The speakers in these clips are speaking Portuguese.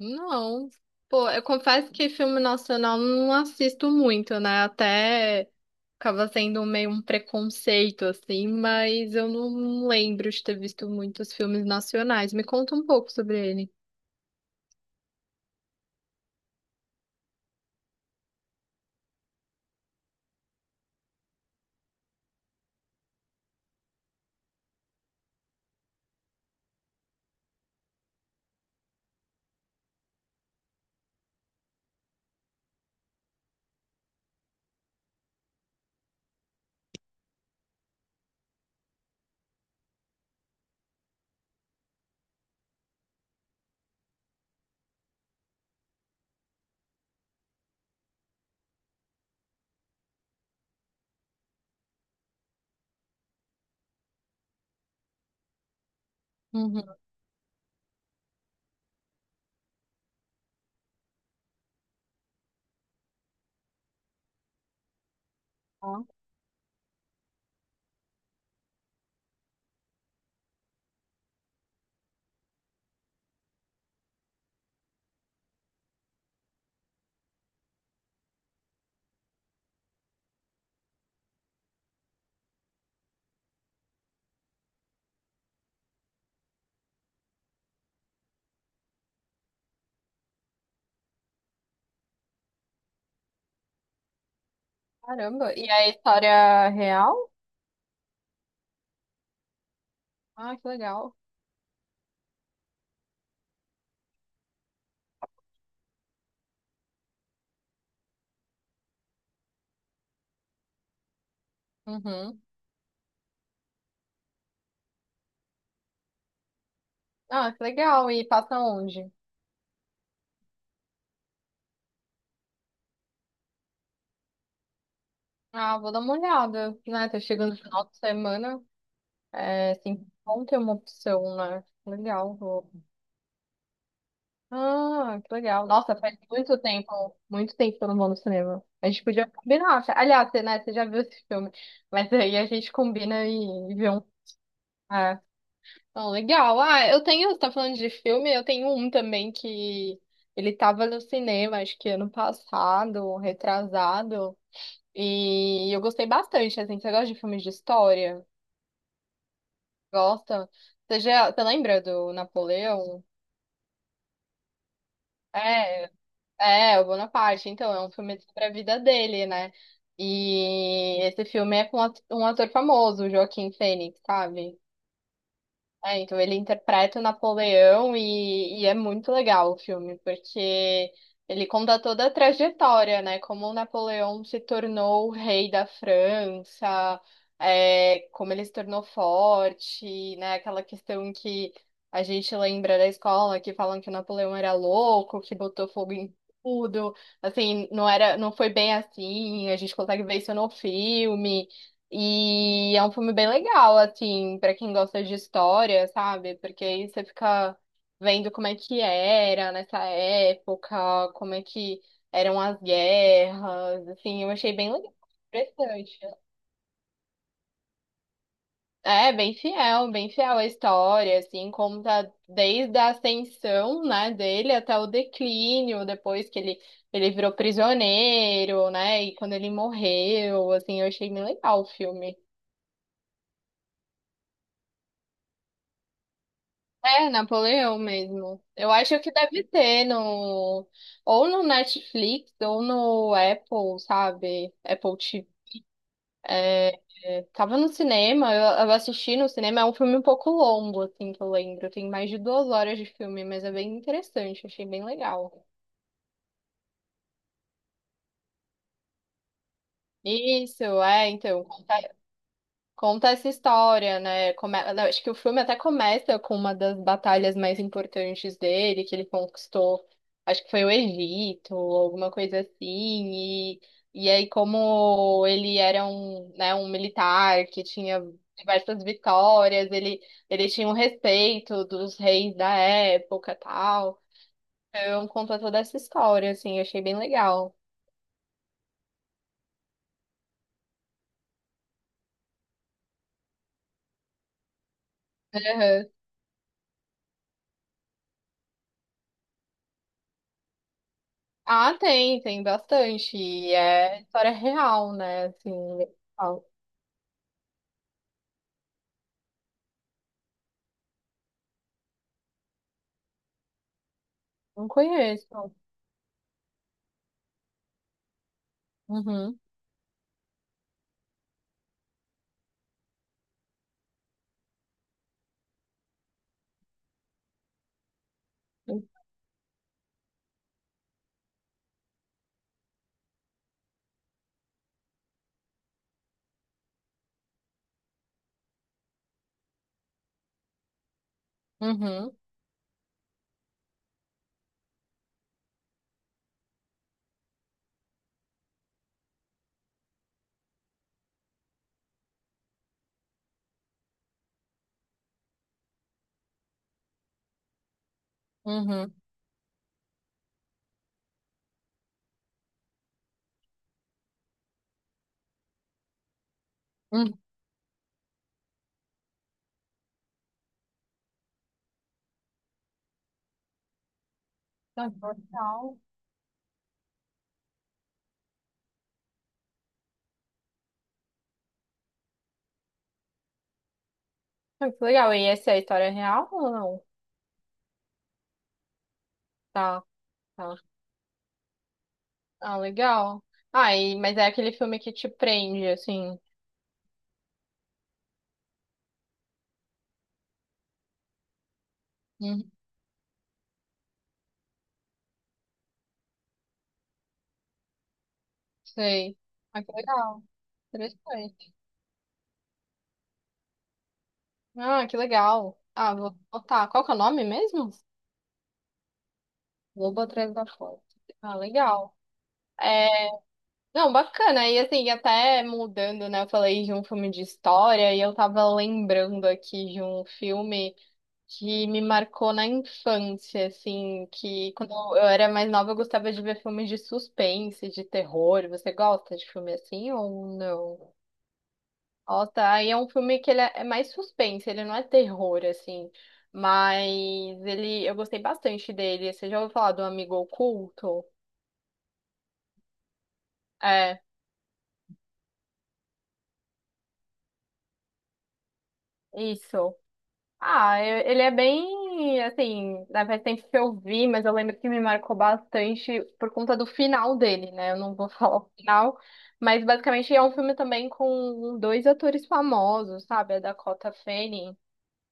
Não. Pô, eu confesso que filme nacional não assisto muito, né? Até acaba sendo meio um preconceito, assim, mas eu não lembro de ter visto muitos filmes nacionais. Me conta um pouco sobre ele. Uhum. Ó, caramba. E a história real? Ah, que legal. Uhum. Ah, que legal. E passa onde? Ah, vou dar uma olhada, né? Tá chegando no final de semana. É, assim, bom ter uma opção, né? Legal. Vou ah, que legal. Nossa, faz muito tempo que eu não vou no cinema. A gente podia combinar. Aliás, você, né, você já viu esse filme. Mas aí a gente combina e vê um. Ah, então, legal. Ah, eu tenho, você tá falando de filme, eu tenho um também que ele tava no cinema, acho que ano passado, retrasado. E eu gostei bastante, assim. Você gosta de filmes de história? Gosta? Você já, você lembra do Napoleão? É. É, o Bonaparte, então, é um filme sobre a vida dele, né? E esse filme é com um ator famoso, o Joaquim Fênix, sabe? É, então ele interpreta o Napoleão e é muito legal o filme, porque ele conta toda a trajetória, né? Como o Napoleão se tornou o rei da França, é, como ele se tornou forte, né? Aquela questão que a gente lembra da escola, que falam que o Napoleão era louco, que botou fogo em tudo. Assim, não foi bem assim, a gente consegue ver isso no filme. E é um filme bem legal, assim, pra quem gosta de história, sabe? Porque aí você fica vendo como é que era nessa época, como é que eram as guerras, assim, eu achei bem legal, interessante. É, bem fiel à história, assim, conta desde a ascensão, né, dele até o declínio, depois que ele virou prisioneiro, né, e quando ele morreu, assim, eu achei bem legal o filme. É, Napoleão mesmo. Eu acho que deve ter no ou no Netflix ou no Apple, sabe? Apple TV. Tava no cinema, eu assisti no cinema, é um filme um pouco longo, assim, que eu lembro. Tem mais de 2 horas de filme, mas é bem interessante, achei bem legal. Isso, é, então. Conta essa história, né? Eu acho que o filme até começa com uma das batalhas mais importantes dele, que ele conquistou, acho que foi o Egito, alguma coisa assim. E, e aí, como ele era um, né, um militar que tinha diversas vitórias, ele tinha um respeito dos reis da época, tal. Eu conto toda essa história, assim, achei bem legal. Ah, tem, tem bastante. E é história real, né? Assim, real. Não conheço. Uhum, uhum, uhum, uhum. Ah, que legal. Ah, que legal. E essa é a história real ou não? Tá, tá. Ah, legal. Ah, e, mas é aquele filme que te prende, assim. Uhum, sei. Ah, que legal. Interessante. Ah, que legal. Ah, vou botar. Qual que é o nome mesmo? Lobo Atrás da Porta. Ah, legal. É, não, bacana. E assim, até mudando, né? Eu falei de um filme de história e eu tava lembrando aqui de um filme que me marcou na infância, assim, que quando eu era mais nova eu gostava de ver filmes de suspense, de terror. Você gosta de filme assim ou não? Ó, tá. E é um filme que ele é mais suspense, ele não é terror, assim. Mas ele, eu gostei bastante dele. Você já ouviu falar do Amigo Oculto? É, isso. Ah, ele é bem, assim, né, faz tempo que eu vi, mas eu lembro que me marcou bastante por conta do final dele, né? Eu não vou falar o final, mas basicamente é um filme também com dois atores famosos, sabe? A Dakota Fanning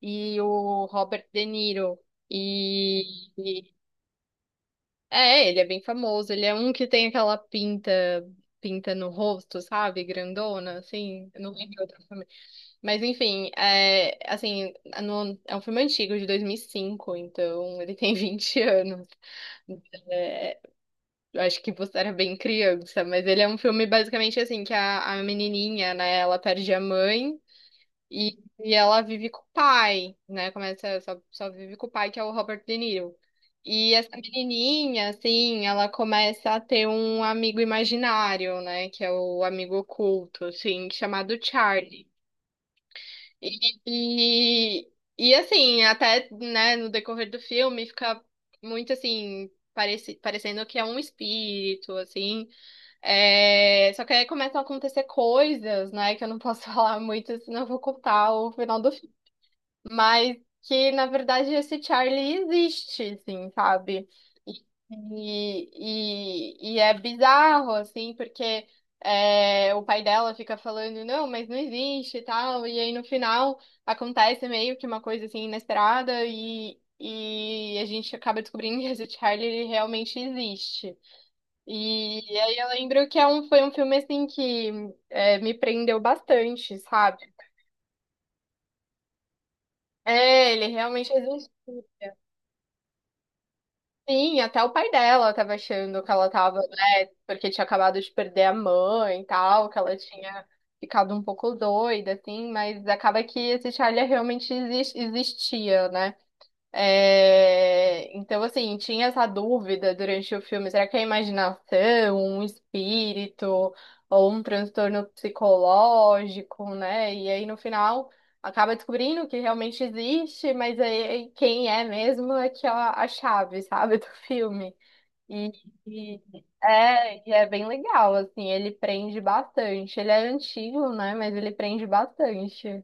e o Robert De Niro. E, é, ele é bem famoso. Ele é um que tem aquela pinta no rosto, sabe? Grandona, assim. Eu não lembro outro filme. Mas enfim, é, assim, é um filme antigo, de 2005, então ele tem 20 anos. É, eu acho que você era bem criança, mas ele é um filme basicamente assim, que a menininha, né, ela perde a mãe e ela vive com o pai, né? Começa, só vive com o pai, que é o Robert De Niro. E essa menininha, assim, ela começa a ter um amigo imaginário, né? Que é o amigo oculto, assim, chamado Charlie. E, e, assim, até, né, no decorrer do filme, fica muito, assim, parecendo que é um espírito, assim. É, só que aí começam a acontecer coisas, né, que eu não posso falar muito, senão eu vou contar o final do mas que na verdade esse Charlie existe, assim, sabe? E, e é bizarro, assim, porque é, o pai dela fica falando, não, mas não existe e tal, e aí no final acontece meio que uma coisa assim inesperada e. E a gente acaba descobrindo que esse Charlie ele realmente existe. E aí eu lembro que é foi um filme assim que é, me prendeu bastante, sabe? É, ele realmente existe. Sim, até o pai dela tava achando que ela tava, né, porque tinha acabado de perder a mãe e tal, que ela tinha ficado um pouco doida, assim, mas acaba que esse Charlie realmente existia, né? É, então, assim, tinha essa dúvida durante o filme: será que é imaginação, um espírito ou um transtorno psicológico, né? E aí, no final, acaba descobrindo que realmente existe, mas aí quem é mesmo é que é a chave, sabe, do filme. E, e- e é bem legal, assim, ele prende bastante. Ele é antigo, né? Mas ele prende bastante.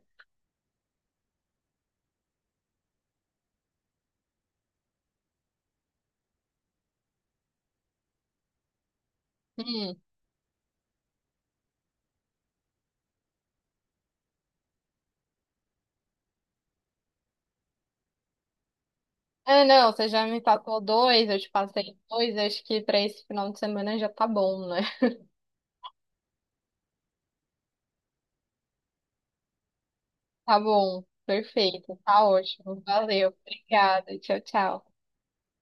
Ah, não, você já me passou dois, eu te passei dois, acho que pra esse final de semana já tá bom, né? Tá bom, perfeito, tá ótimo, valeu, obrigada, tchau, tchau.